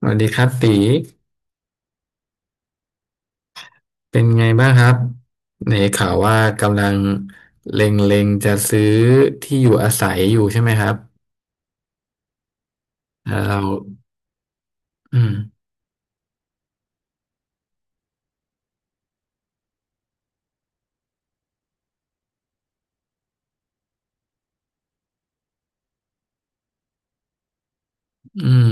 สวัสดีครับตีเป็นไงบ้างครับในข่าวว่ากำลังเล็งๆจะซื้อที่อยู่อาศัยอยู่ใช่ไหมครับแล้วเราอืมอืม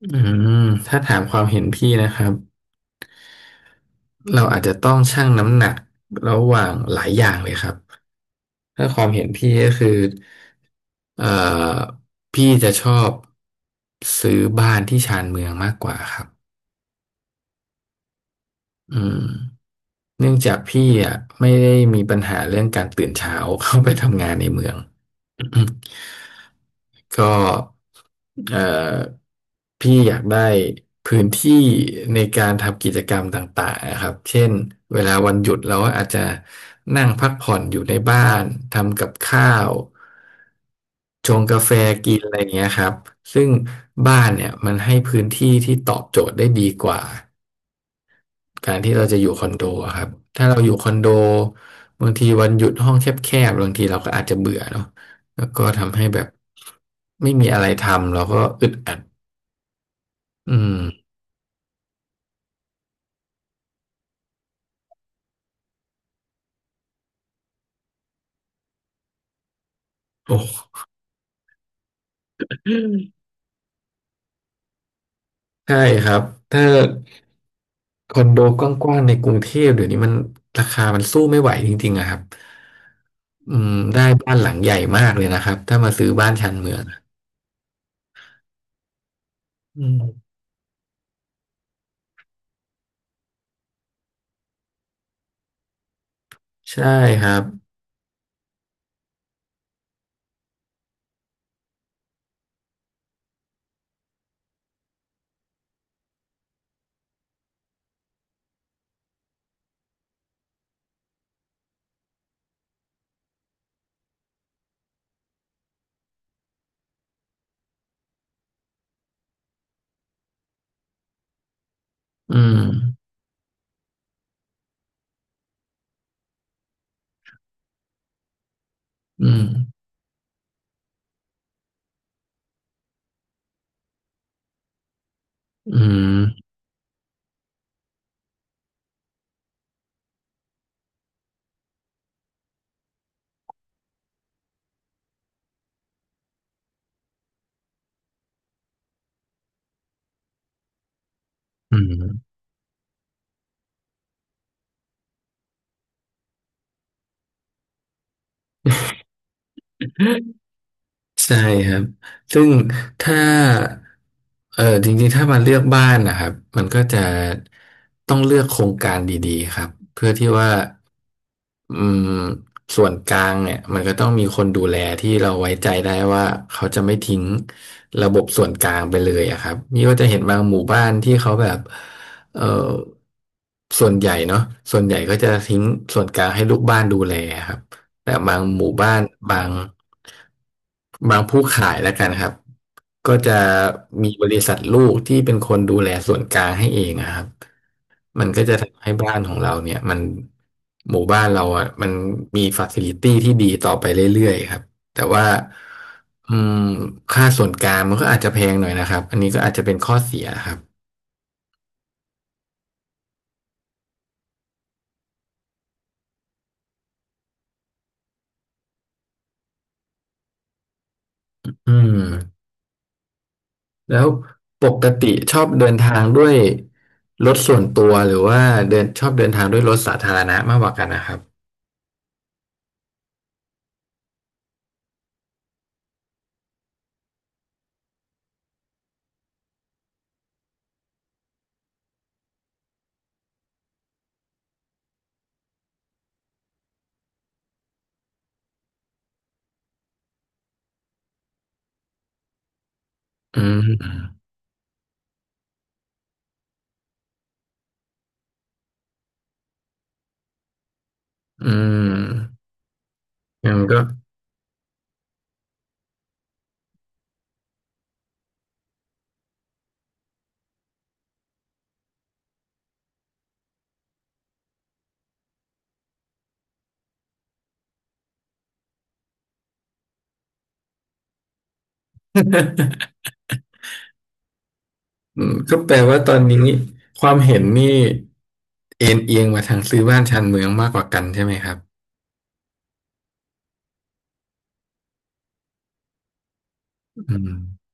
อืมถ้าถามความเห็นพี่นะครับเราอาจจะต้องชั่งน้ำหนักระหว่างหลายอย่างเลยครับถ้าความเห็นพี่ก็คือเอ่อพี่จะชอบซื้อบ้านที่ชานเมืองมากกว่าครับอืม เนื่องจากพี่อ่ะไม่ได้มีปัญหาเรื่องการตื่นเช้า เข้าไปทำงานในเมือง ก็เอ่อพี่อยากได้พื้นที่ในการทำกิจกรรมต่างๆนะครับเช่นเวลาวันหยุดเราก็อาจจะนั่งพักผ่อนอยู่ในบ้านทำกับข้าวชงกาแฟกินอะไรอย่างเงี้ยครับซึ่งบ้านเนี่ยมันให้พื้นที่ที่ตอบโจทย์ได้ดีกว่า การที่เราจะอยู่คอนโดอะครับ ถ้าเราอยู่คอนโดบางทีวันหยุดห้องแคบๆบางทีเราก็อาจจะเบื่อเนาะแล้วก็ทำให้แบบไม่มีอะไรทำเราก็อึดอัดอืมโอ้ใช่ครับ ถ้าคอนโดกว้างๆในกรุงเทพเดี๋ยวนี้มันราคามันสู้ไม่ไหวจริงๆอะครับอืมได้บ้านหลังใหญ่มากเลยนะครับ ถ้ามาซื้อบ้านชานเมืองอะอืมใช่ครับ อืม อืม อืมอืม ใช่ครับ ซึ่งถ้าเออจริงๆถ้ามาเลือกบ้านนะครับมันก็จะต้องเลือกโครงการดีๆครับ เพื่อที่ว่าอืมส่วนกลางเนี่ยมันก็ต้องมีคนดูแลที่เราไว้ใจได้ว่าเขาจะไม่ทิ้งระบบส่วนกลางไปเลยอะครับนี่ก็จะเห็นบางหมู่บ้านที่เขาแบบเออส่วนใหญ่เนาะส่วนใหญ่ก็จะทิ้งส่วนกลางให้ลูกบ้านดูแลครับ แต่บางหมู่บ้านบางบางผู้ขายแล้วกันครับก็จะมีบริษัทลูกที่เป็นคนดูแลส่วนกลางให้เองอะครับมันก็จะทำให้บ้านของเราเนี่ยมันหมู่บ้านเราอ่ะมันมีฟ a ซิลิตี้ที่ดีต่อไปเรื่อยๆครับแต่ว่าอืมค่าส่วนกลางมันก็อาจจะแพงหน่อยนะครับอันนี้ก็อาจจะเป็นข้อเสียครับอืม แล้วปกติชอบเดินทางด้วยรถส่วนตัวหรือว่าเดินชอบเดินทางด้วยรถสาธารณะมากกว่ากันนะครับ อืมอืมงั้นก็ อืมก็แปลว่าตอนนี้ความเห็นนี่เอ็นเอียงมาทางซื้อบ้านชานเมืองมากกว่ากันใช่ไหมครับอืม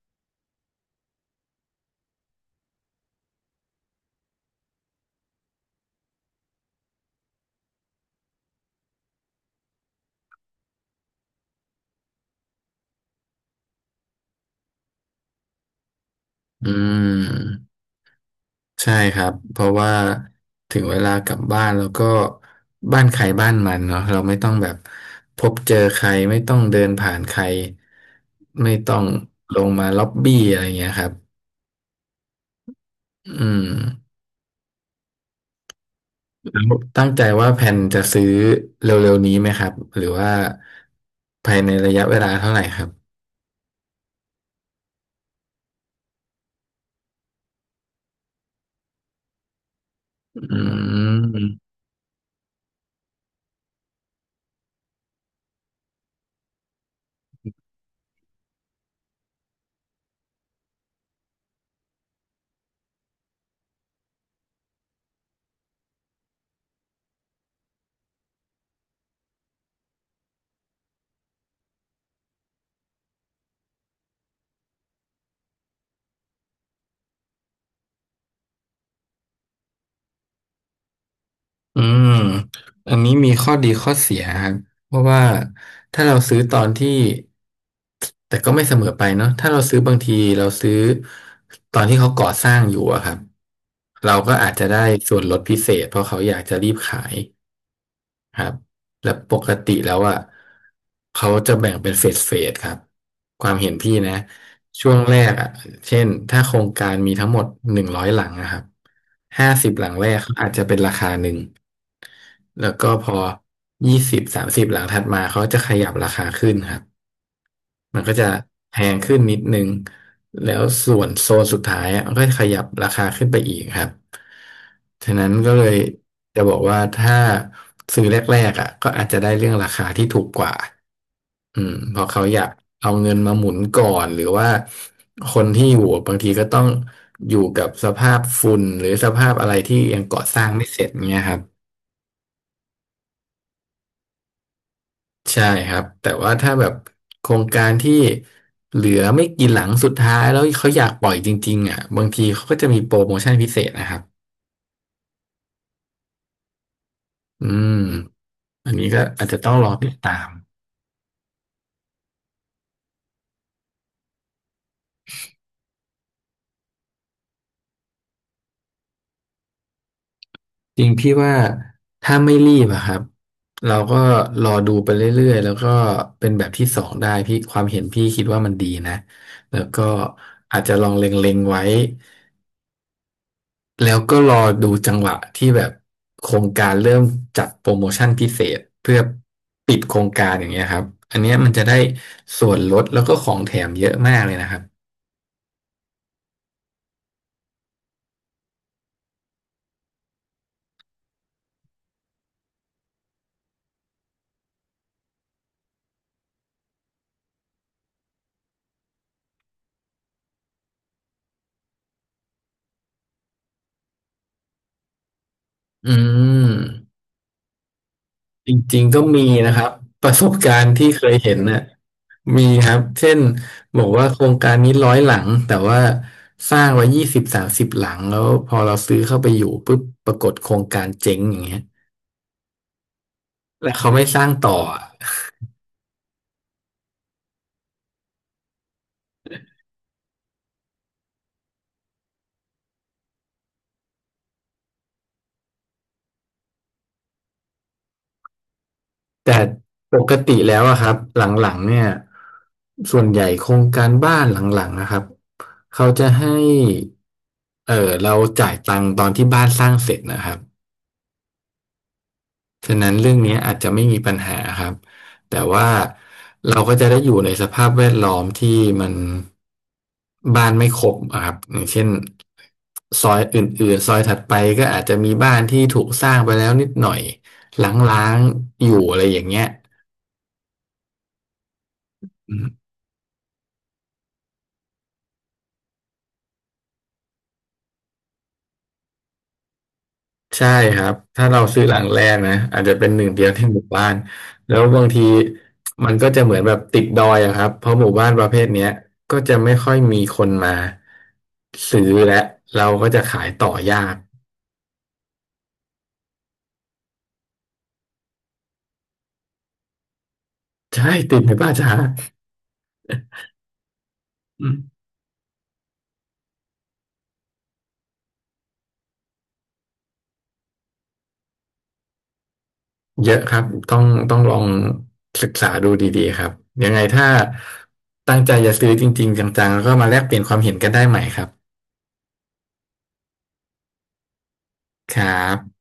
อืม ใช่ครับเพราะว่าถึงเวลากลับบ้านแล้วก็บ้านใครบ้านมันเนาะเราไม่ต้องแบบพบเจอใครไม่ต้องเดินผ่านใครไม่ต้องลงมาล็อบบี้อะไรเงี้ยครับอืมแล้วตั้งใจว่าแผนจะซื้อเร็วๆนี้ไหมครับหรือว่าภายในระยะเวลาเท่าไหร่ครับอืม อืมอันนี้มีข้อดีข้อเสียครับเพราะว่าถ้าเราซื้อตอนที่แต่ก็ไม่เสมอไปเนาะถ้าเราซื้อบางทีเราซื้อตอนที่เขาก่อสร้างอยู่อะครับเราก็อาจจะได้ส่วนลดพิเศษเพราะเขาอยากจะรีบขาย ครับและปกติแล้วอ่ะเขาจะแบ่งเป็นเฟสเฟสครับความเห็นพี่นะช่วงแรกอ่ะเช่นถ้าโครงการมีทั้งหมด100 หลังนะครับ50 หลังแรกเขาอาจจะเป็นราคาหนึ่งแล้วก็พอ20 30 หลังถัดมาเขาจะขยับราคาขึ้นครับ มันก็จะแพงขึ้นนิดนึงแล้วส่วนโซนสุดท้ายอะมันก็ขยับราคาขึ้นไปอีกครับฉะนั้นก็เลยจะบอกว่าถ้าซื้อแรกๆอ่ะก็อาจจะได้เรื่องราคาที่ถูกกว่าอืมเพราะเขาอยากเอาเงินมาหมุนก่อนหรือว่าคนที่อยู่บางทีก็ต้องอยู่กับสภาพฝุ่นหรือสภาพอะไรที่ยังก่อสร้างไม่เสร็จเงี้ยครับ ใช่ครับแต่ว่าถ้าแบบโครงการที่เหลือไม่กี่หลังสุดท้ายแล้วเขาอยากปล่อยจริงๆอ่ะบางทีเขาก็จะมีโปรโมชั่นพิเศษนะครับอืมอันนี้ก็อาจจะต้องรอติดตามจริงพี่ว่าถ้าไม่รีบอะครับเราก็รอดูไปเรื่อยๆแล้วก็เป็นแบบที่สองได้พี่ความเห็นพี่คิดว่ามันดีนะแล้วก็อาจจะลองเล็งๆไว้ แล้วก็รอดูจังหวะที่แบบโครงการเริ่มจัดโปรโมชั่นพิเศษเพื่อปิดโครงการอย่างเงี้ยครับอันเนี้ยมันจะได้ส่วนลดแล้วก็ของแถมเยอะมากเลยนะครับอืมจริงๆก็มีนะครับประสบการณ์ที่เคยเห็นน่ะมีครับเช่นบอกว่าโครงการนี้ร้อยหลังแต่ว่าสร้างไว้ยี่สิบสามสิบหลังแล้วพอเราซื้อเข้าไปอยู่ปุ๊บปรากฏโครงการเจ๊งอย่างเงี้ยแล้วเขาไม่สร้างต่ออะ แต่ปกติแล้วอะครับหลังๆเนี่ยส่วนใหญ่โครงการบ้านหลังๆนะครับเขาจะให้เออเราจ่ายตังค์ตอนที่บ้านสร้างเสร็จนะครับฉะนั้นเรื่องนี้อาจจะไม่มีปัญหาครับแต่ว่าเราก็จะได้อยู่ในสภาพแวดล้อมที่มันบ้านไม่ครบอะครับอย่างเช่นซอยอื่นๆซอยถัดไปก็อาจจะมีบ้านที่ถูกสร้างไปแล้วนิดหน่อยล้างๆอยู่อะไรอย่างเงี้ยอื ใช่ครับถ้าเราซื้อหลังแรกนะอาจจะเป็นหนึ่งเดียวที่หมู่บ้านแล้วบางทีมันก็จะเหมือนแบบติดดอยอะครับเพราะหมู่บ้านประเภทเนี้ยก็จะไม่ค่อยมีคนมาซื้อและเราก็จะขายต่อยากใช่ติดไหมป้าจ๊าอืมเยอะครับต้องต้องลองศึกษาดูดีๆครับยังไงถ้าตั้งใจจะซื้อจริงๆจังๆแล้วก็มาแลกเปลี่ยนความเห็นกันได้ใหม่ครับครับ